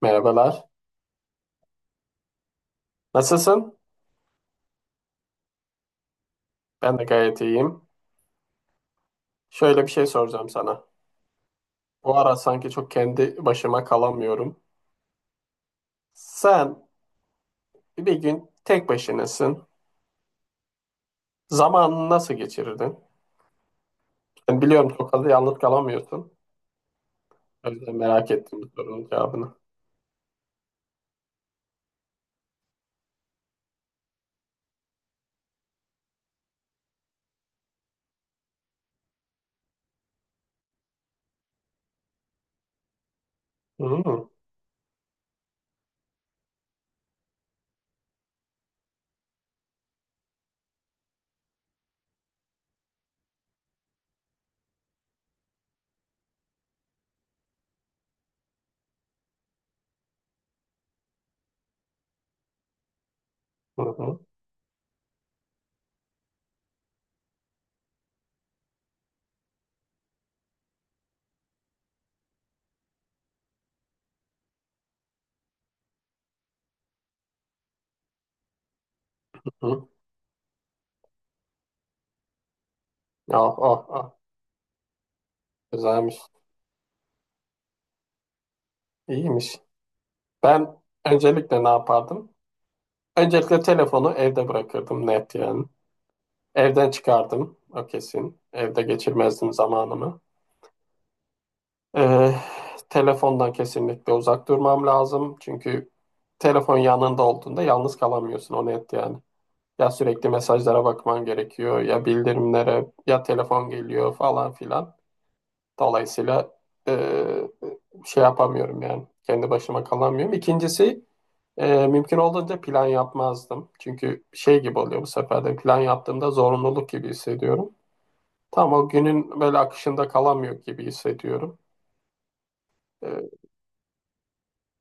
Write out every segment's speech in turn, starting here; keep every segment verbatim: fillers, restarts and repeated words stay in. Merhabalar. Nasılsın? Ben de gayet iyiyim. Şöyle bir şey soracağım sana. Bu ara sanki çok kendi başıma kalamıyorum. Sen bir gün tek başınasın. Zamanını nasıl geçirirdin? Ben biliyorum çok fazla yalnız kalamıyorsun. O yüzden merak ettim bu sorunun cevabını. Hmm. Hı hı hı. Oh, oh, oh. Güzelmiş. İyiymiş. Ben öncelikle ne yapardım? Öncelikle telefonu evde bırakırdım, net yani. Evden çıkardım, o kesin. Evde geçirmezdim zamanımı. Ee, Telefondan kesinlikle uzak durmam lazım. Çünkü telefon yanında olduğunda yalnız kalamıyorsun, o net yani. Ya sürekli mesajlara bakman gerekiyor, ya bildirimlere, ya telefon geliyor falan filan. Dolayısıyla ee, şey yapamıyorum yani, kendi başıma kalamıyorum. İkincisi ee, mümkün olduğunca plan yapmazdım. Çünkü şey gibi oluyor, bu sefer de plan yaptığımda zorunluluk gibi hissediyorum. Tam o günün böyle akışında kalamıyor gibi hissediyorum. E,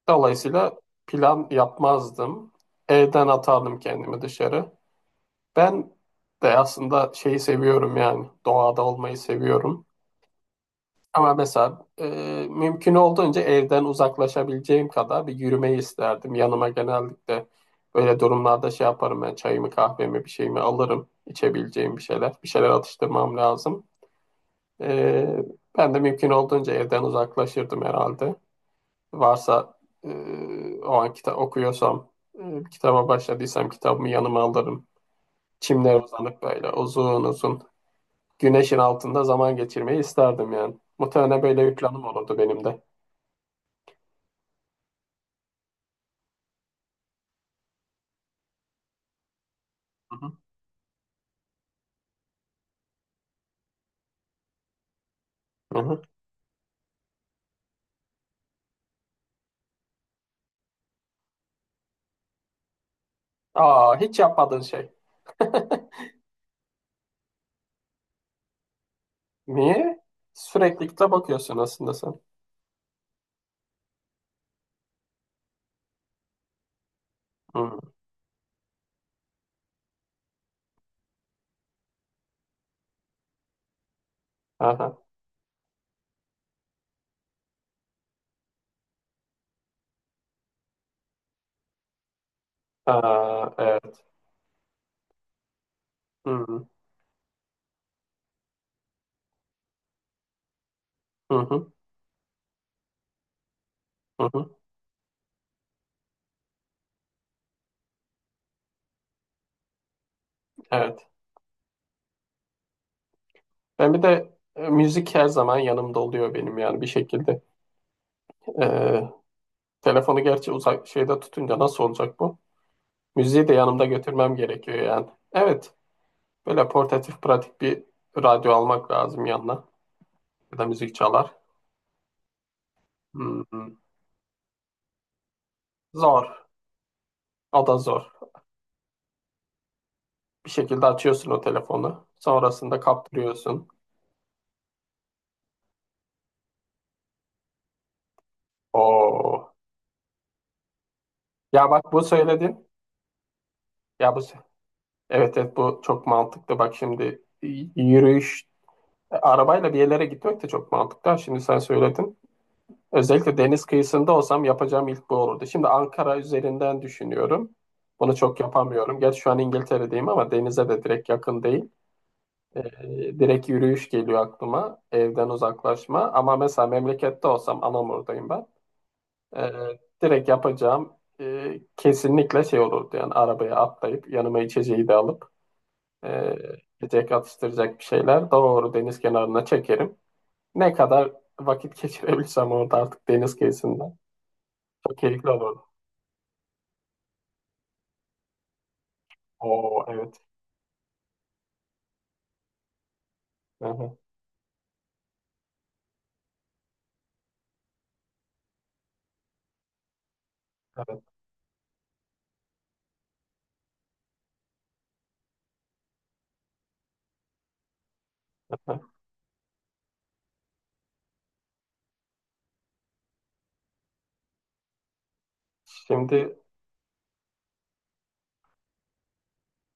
Dolayısıyla plan yapmazdım. Evden atardım kendimi dışarı. Ben de aslında şeyi seviyorum, yani doğada olmayı seviyorum. Ama mesela e, mümkün olduğunca evden uzaklaşabileceğim kadar bir yürümeyi isterdim. Yanıma genellikle böyle durumlarda şey yaparım, ben çayımı, kahvemi, bir şeyimi alırım. İçebileceğim bir şeyler. Bir şeyler atıştırmam lazım. E, Ben de mümkün olduğunca evden uzaklaşırdım herhalde. Varsa e, o an kitap okuyorsam, e, kitaba başladıysam kitabımı yanıma alırım. Çimlere uzanıp böyle uzun uzun güneşin altında zaman geçirmeyi isterdim yani. Muhtemelen böyle bir planım olurdu benim de. Hı hı. Hı hı. Aa, hiç yapmadığın şey. Niye? Sürekli kitap okuyorsun aslında sen. Hı. Aha. Aa, evet. Hı hı. Hı hı. Hı. Evet. Ben bir de e, müzik her zaman yanımda oluyor benim, yani bir şekilde. E, Telefonu gerçi uzak şeyde tutunca nasıl olacak bu? Müziği de yanımda götürmem gerekiyor yani. Evet, böyle portatif pratik bir radyo almak lazım yanına. Ya da müzik çalar. Hmm. Zor. O da zor. Bir şekilde açıyorsun o telefonu. Sonrasında kaptırıyorsun. Oo. Ya bak, bu söyledin. Ya bu sö- evet, evet, bu çok mantıklı. Bak şimdi, y- yürüyüş arabayla bir yerlere gitmek de çok mantıklı. Ha, şimdi sen söyledin. Özellikle deniz kıyısında olsam yapacağım ilk bu olurdu. Şimdi Ankara üzerinden düşünüyorum. Bunu çok yapamıyorum. Gerçi şu an İngiltere'deyim, ama denize de direkt yakın değil. Ee, Direkt yürüyüş geliyor aklıma. Evden uzaklaşma. Ama mesela memlekette olsam, Anamur'dayım ben. Ee, Direkt yapacağım e, kesinlikle şey olurdu. Yani arabaya atlayıp, yanıma içeceği de alıp, e, yiyecek atıştıracak bir şeyler, doğru deniz kenarına çekerim. Ne kadar vakit geçirebilirsem orada artık, deniz kıyısında. Çok keyifli olur. Oo, evet. Hı hı. Evet. Hı. Şimdi,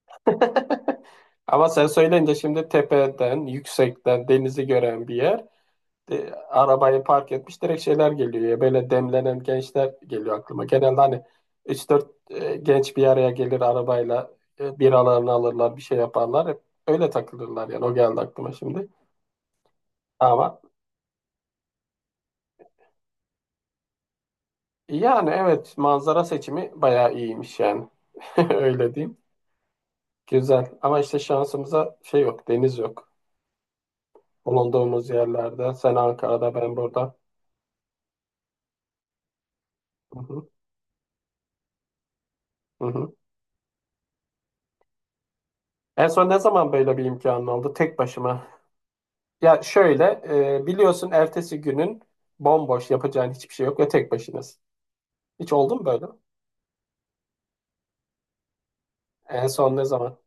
ama sen söyleyince, şimdi tepeden, yüksekten denizi gören bir yer. De, arabayı park etmiş, direkt şeyler geliyor ya. Böyle demlenen gençler geliyor aklıma. Genelde, hani üç dört e, genç bir araya gelir, arabayla e, biralarını alırlar, bir şey yaparlar. Hep öyle takılırlar yani. O geldi aklıma şimdi. Ama yani evet, manzara seçimi bayağı iyiymiş yani. Öyle diyeyim. Güzel. Ama işte şansımıza şey yok, deniz yok. Bulunduğumuz yerlerde. Sen Ankara'da, ben burada. Hı hı, hı hı. En son ne zaman böyle bir imkanın oldu? Tek başıma. Ya şöyle, e, biliyorsun ertesi günün bomboş, yapacağın hiçbir şey yok ve tek başınasın. Hiç oldu mu böyle? En son ne zaman?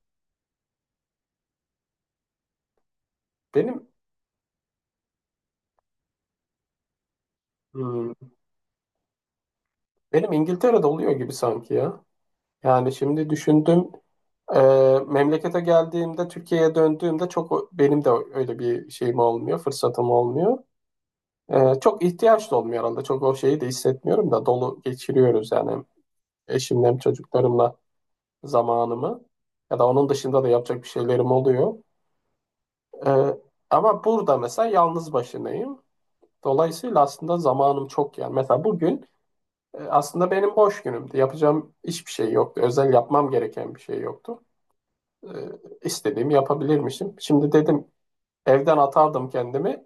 Benim hmm, benim İngiltere'de oluyor gibi sanki ya. Yani şimdi düşündüm, e, memlekete geldiğimde, Türkiye'ye döndüğümde çok o- benim de öyle bir şeyim olmuyor, fırsatım olmuyor. Ee, çok ihtiyaç da olmuyor arada. Çok o şeyi de hissetmiyorum da, dolu geçiriyoruz yani hem eşimle hem çocuklarımla zamanımı. Ya da onun dışında da yapacak bir şeylerim oluyor. Ee, Ama burada mesela yalnız başınayım. Dolayısıyla aslında zamanım çok yani. Mesela bugün e, aslında benim boş günümdü. Yapacağım hiçbir şey yoktu. Özel yapmam gereken bir şey yoktu. Ee, istediğimi yapabilirmişim. Şimdi dedim, evden atardım kendimi.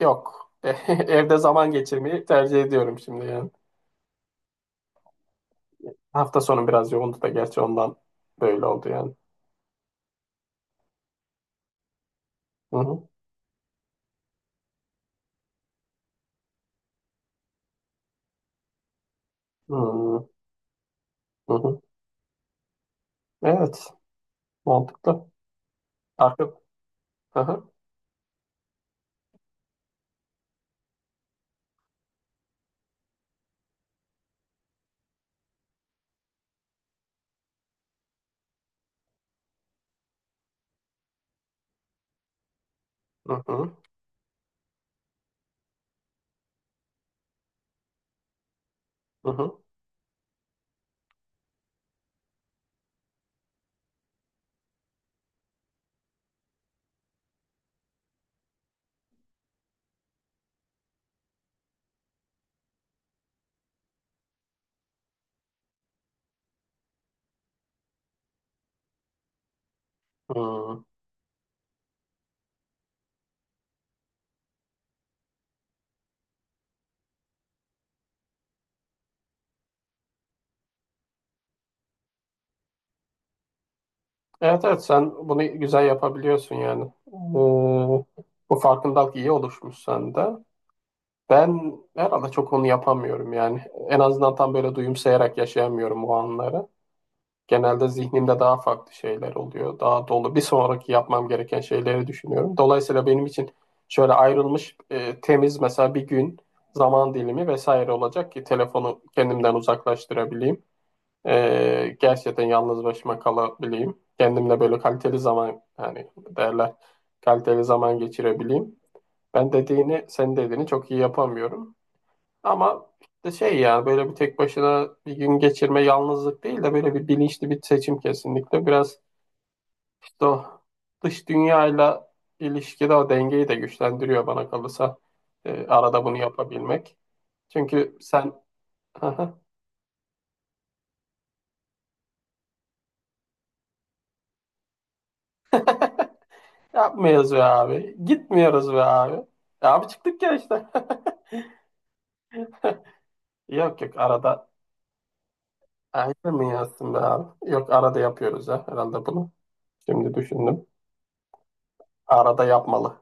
Yok. Evde zaman geçirmeyi tercih ediyorum şimdi yani. Hafta sonu biraz yoğundu da, gerçi ondan böyle oldu yani. Hı hı. Hı hı. Evet. Mantıklı. Arka. Hı hı. Hı hı. Hı hı. Hı. Evet, evet, sen bunu güzel yapabiliyorsun yani. Ee, bu farkındalık iyi oluşmuş sende. Ben herhalde çok onu yapamıyorum yani. En azından tam böyle duyumsayarak yaşayamıyorum o anları. Genelde zihnimde daha farklı şeyler oluyor. Daha dolu. Bir sonraki yapmam gereken şeyleri düşünüyorum. Dolayısıyla benim için şöyle ayrılmış e, temiz mesela bir gün, zaman dilimi vesaire olacak ki telefonu kendimden uzaklaştırabileyim. E, gerçekten yalnız başıma kalabileyim. Kendimle böyle kaliteli zaman, yani derler, kaliteli zaman geçirebileyim. Ben dediğini, senin dediğini çok iyi yapamıyorum. Ama işte şey ya, böyle bir tek başına bir gün geçirme yalnızlık değil de, böyle bir bilinçli bir seçim kesinlikle. Biraz işte o dış dünyayla ilişkide o dengeyi de güçlendiriyor bana kalırsa. Ee, arada bunu yapabilmek. Çünkü sen yapmıyoruz be abi. Gitmiyoruz be abi. E abi, çıktık ya işte. Yok yok, arada aynı ayrılmıyor be abi. Yok, arada yapıyoruz ya herhalde bunu. Şimdi düşündüm. Arada yapmalı.